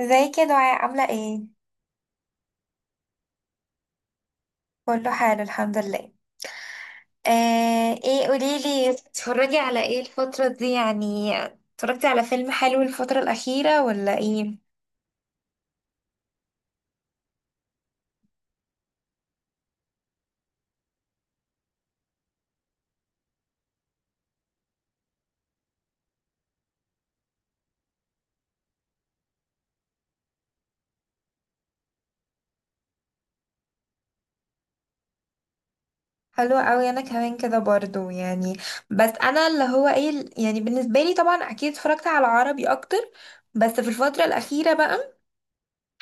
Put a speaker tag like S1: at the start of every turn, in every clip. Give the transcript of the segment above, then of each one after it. S1: زي كده دعاء عاملة ايه؟ كله حال الحمد لله. آه، ايه قوليلي اتفرجي على ايه الفترة دي يعني، اتفرجتي على فيلم حلو الفترة الأخيرة ولا ايه؟ حلو قوي، انا كمان كده برضو يعني. بس انا اللي هو ايه يعني، بالنسبة لي طبعا اكيد اتفرجت على عربي اكتر، بس في الفترة الأخيرة بقى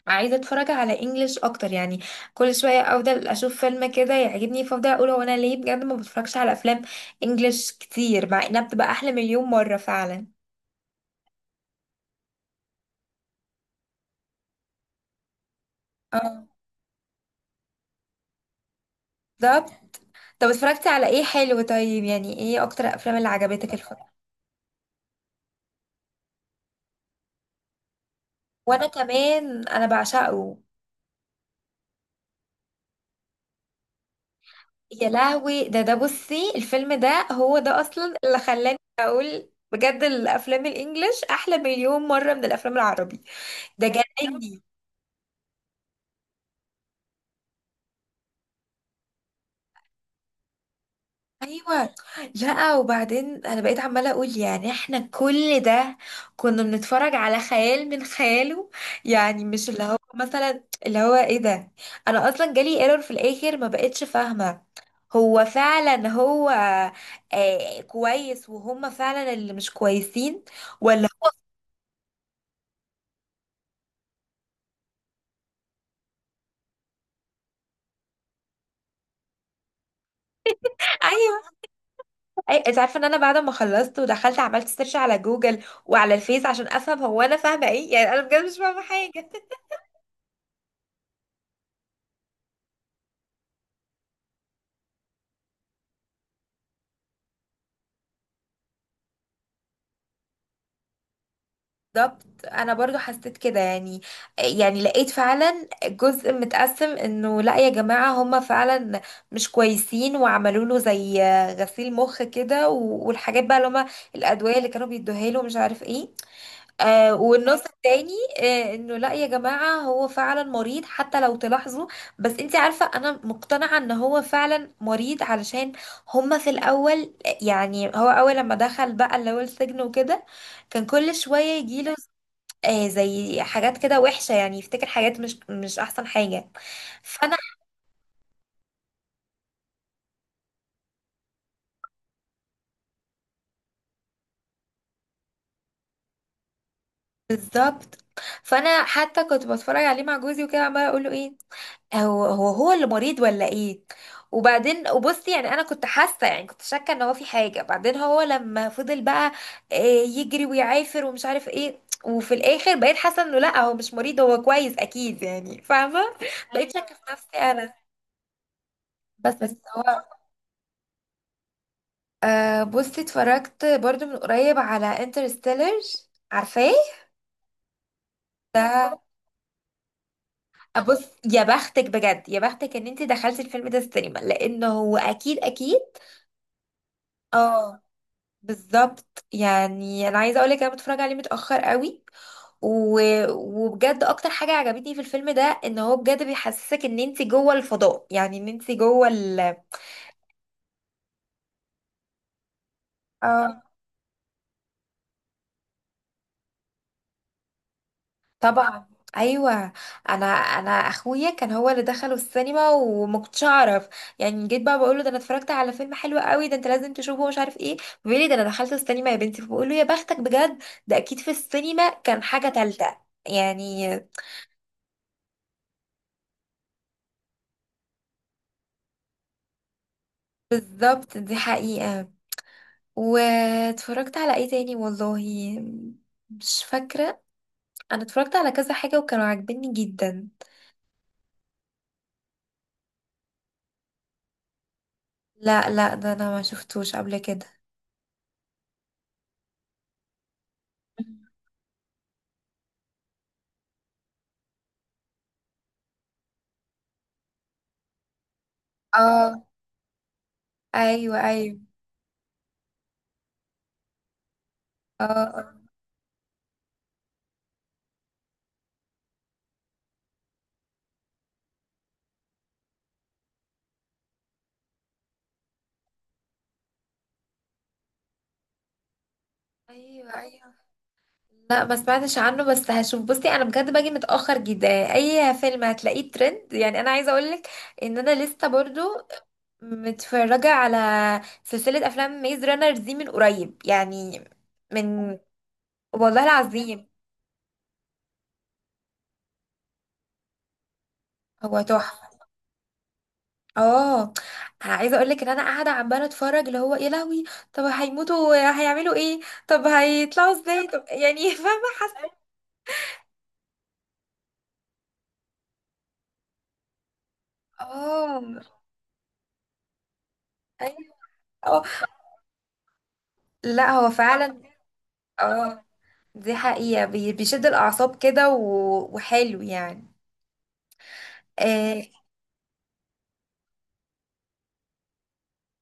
S1: عايزه اتفرج على انجليش اكتر يعني. كل شويه افضل اشوف فيلم كده يعجبني، فافضل اقول هو انا ليه بجد ما بتفرجش على افلام انجليش كتير، مع انها بتبقى احلى مليون مره فعلا. اه، بالظبط. طب اتفرجتي على ايه حلو طيب، يعني ايه اكتر افلام اللي عجبتك الفتره؟ وانا كمان انا بعشقه. يا لهوي، ده بصي الفيلم ده هو ده اصلا اللي خلاني اقول بجد الافلام الانجليش احلى مليون مره من الافلام العربي. ده جنني. ايوه، لا وبعدين انا بقيت عماله اقول يعني احنا كل ده كنا بنتفرج على خيال من خياله. يعني مش اللي هو مثلا اللي هو ايه ده. انا اصلا جالي ايرور في الاخر ما بقتش فاهمه. هو فعلا. آه، كويس، وهم فعلا اللي مش كويسين ولا. ايوه. انت عارفه ان انا بعد ما خلصت ودخلت عملت سيرش على جوجل وعلى الفيس عشان افهم هو انا فاهمه ايه، يعني انا بجد مش فاهمه حاجه. بالظبط، انا برضو حسيت كده يعني. يعني لقيت فعلا جزء متقسم انه لا يا جماعة هما فعلا مش كويسين، وعملوا له زي غسيل مخ كده، والحاجات بقى اللي هما الادوية اللي كانوا بيدوها له مش عارف ايه. آه، والنص التاني آه، انه لا يا جماعة هو فعلا مريض حتى لو تلاحظوا. بس انت عارفة انا مقتنعة ان هو فعلا مريض، علشان هما في الاول، يعني هو اول لما دخل بقى اللي هو السجن وكده كان كل شوية يجيله آه زي حاجات كده وحشة، يعني يفتكر حاجات مش أحسن حاجة. فأنا بالظبط. فأنا حتى كنت بتفرج عليه مع جوزي وكده عمالة أقول له إيه، هو اللي مريض ولا إيه. وبصي يعني أنا كنت حاسة، يعني كنت شاكة إن هو في حاجة. بعدين هو لما فضل بقى آه، يجري ويعافر ومش عارف إيه، وفي الآخر بقيت حاسة إنه لأ هو مش مريض، هو كويس أكيد يعني، فاهمة. بقيت شاكة في نفسي أنا. بس هو أه، بصي اتفرجت برضو من قريب على انترستيلر، عارفاه؟ ده بص، يا بختك بجد، يا بختك ان انت دخلتي الفيلم ده السينما، لانه هو اكيد اه، بالظبط. يعني انا عايزه اقولك انا بتفرج عليه متاخر قوي، و... وبجد اكتر حاجه عجبتني في الفيلم ده ان هو بجد بيحسسك ان انت جوه الفضاء، يعني ان انت جوه ال... اه، طبعا، ايوه. انا اخويا كان هو اللي دخله السينما وما كنتش اعرف يعني، جيت بقى بقول له ده انا اتفرجت على فيلم حلو قوي، ده انت لازم تشوفه ومش عارف ايه. بيقول لي ده انا دخلت السينما يا بنتي، فبقول له يا بختك بجد، ده اكيد في السينما كان حاجه تالته يعني. بالظبط، دي حقيقه. واتفرجت على ايه تاني، والله مش فاكره. انا اتفرجت على كذا حاجه وكانوا عاجبني جدا. لا ده انا ما شفتوش قبل كده. اه. ايوه ايوه. اه. ايوه ايوه. لا ما سمعتش عنه بس هشوف. بصي انا بجد باجي متاخر جدا، اي فيلم هتلاقيه ترند. يعني انا عايزه اقولك ان انا لسه برضو متفرجه على سلسله افلام ميز رانر دي من قريب يعني، من، والله العظيم. هو تحفه. اه، عايزه اقولك ان انا قاعده عماله اتفرج اللي هو يا لهوي، طب هيموتوا، هيعملوا ايه، طب هيطلعوا ازاي، طب يعني فاهمه، حاسه. اه، أيوة. اه، لا هو فعلا. اه، دي حقيقة، بيشد الأعصاب كده وحلو يعني. آه.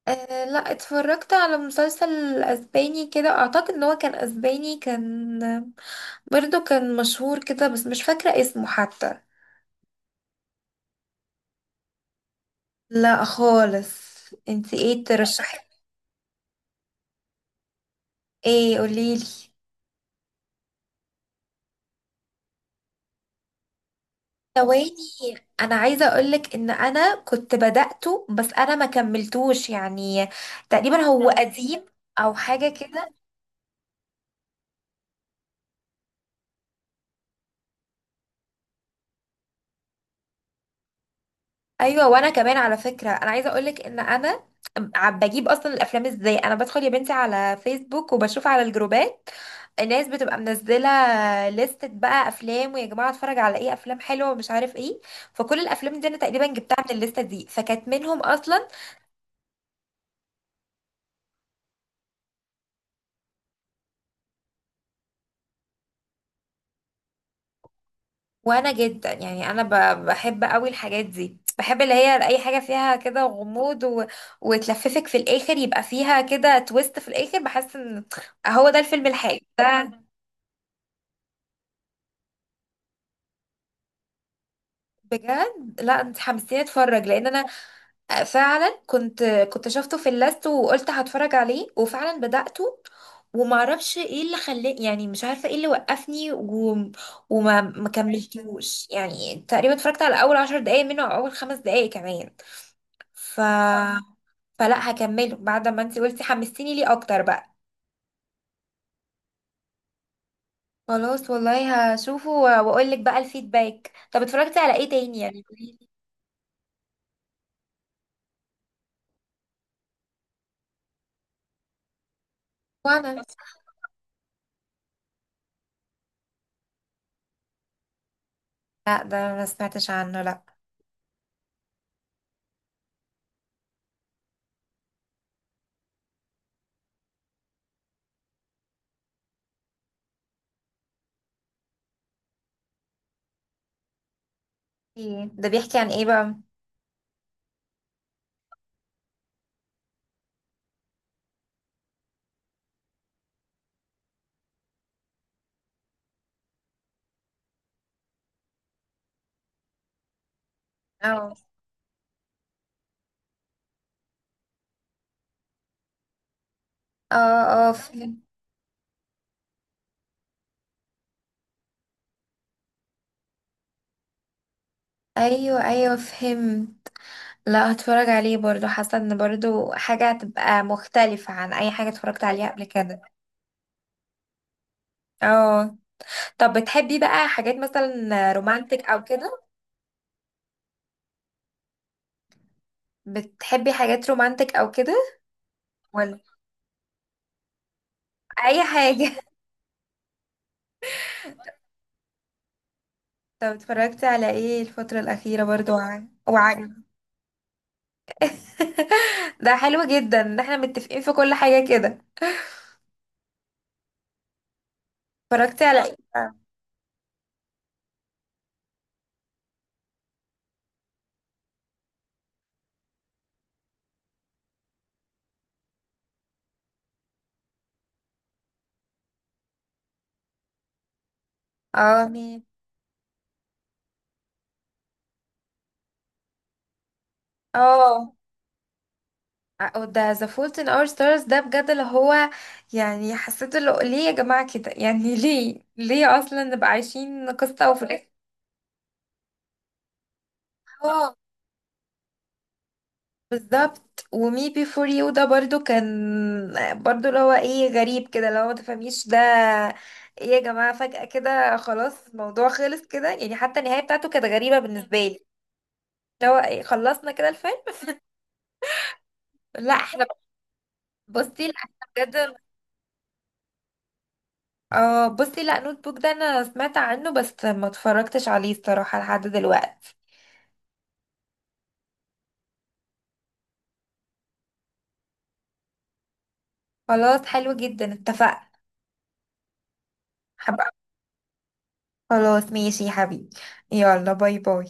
S1: آه، لا اتفرجت على مسلسل أسباني كده، أعتقد إن هو كان أسباني. كان برضو كان مشهور كده بس مش فاكرة اسمه حتى. لا خالص. انت ايه ترشحي؟ ايه قوليلي. ثواني، انا عايزه اقولك ان انا كنت بدأته بس انا ما كملتوش يعني، تقريبا هو قديم او حاجه كده. ايوه، وانا كمان على فكره، انا عايزه اقولك ان انا عم بجيب اصلا الافلام ازاي، انا بدخل يا بنتي على فيسبوك وبشوف على الجروبات الناس بتبقى منزله لستة بقى افلام، ويا جماعه اتفرج على ايه افلام حلوه ومش عارف ايه، فكل الافلام دي انا تقريبا جبتها من الليسته دي، فكانت منهم اصلا. وانا جدا يعني انا، بحب قوي الحاجات دي، بحب اللي هي اي حاجه فيها كده غموض و... وتلففك في الاخر، يبقى فيها كده تويست في الاخر، بحس ان هو ده الفيلم الحلو ده. بجد، لا انت حمستيني اتفرج، لان انا فعلا كنت شفته في اللاست وقلت هتفرج عليه، وفعلا بدأته ومعرفش ايه اللي خلاني، يعني مش عارفه ايه اللي وقفني و... وما ما كملتوش يعني، تقريبا اتفرجت على اول عشر دقايق منه، او اول خمس دقايق كمان. ف، فلا هكمله بعد ما انت قلتي حمستيني ليه اكتر بقى. خلاص والله هشوفه واقول لك بقى الفيدباك. طب اتفرجتي على ايه تاني يعني؟ وانا، لا ده أنا ما سمعتش عنه لا. إيه، ده بيحكي عن ايه بقى؟ اه. اه. اه، فهم. ايوه ايوه، فهم. لا هتفرج عليه برضو، حاسه ان برضو حاجه هتبقى مختلفه عن اي حاجه اتفرجت عليها قبل كده. اه، طب بتحبي بقى حاجات مثلا رومانتك او كده؟ بتحبي حاجات رومانتك او كده؟ ولا اي حاجه طب اتفرجتي على ايه الفتره الاخيره برضو، وعجب. ده حلو جدا ان احنا متفقين في كل حاجه كده. اتفرجتي على ايه بقى؟ اه، مين؟ اه، أو ده The Fault in Our Stars ده بجد اللي هو، يعني حسيت اللي هو ليه يا جماعة كده يعني ليه، ليه أصلا نبقى عايشين قصة وفي الآخر. اه، بالظبط. ومي بي فور يو ده برضو كان، برضو اللي هو ايه غريب كده، اللي هو ما تفهميش ده ايه يا جماعة، فجأة كده خلاص الموضوع خلص كده يعني، حتى النهاية بتاعته كانت غريبة بالنسبة لي، اللي هو ايه خلصنا كده الفيلم. لا احنا، بصي لا احنا بجد. اه، بصي لا نوت بوك ده انا سمعت عنه، بس ما اتفرجتش عليه الصراحة لحد دلوقتي. خلاص حلو جدا اتفقنا. حب... خلاص ماشي يا حبيبي. يلا باي باي.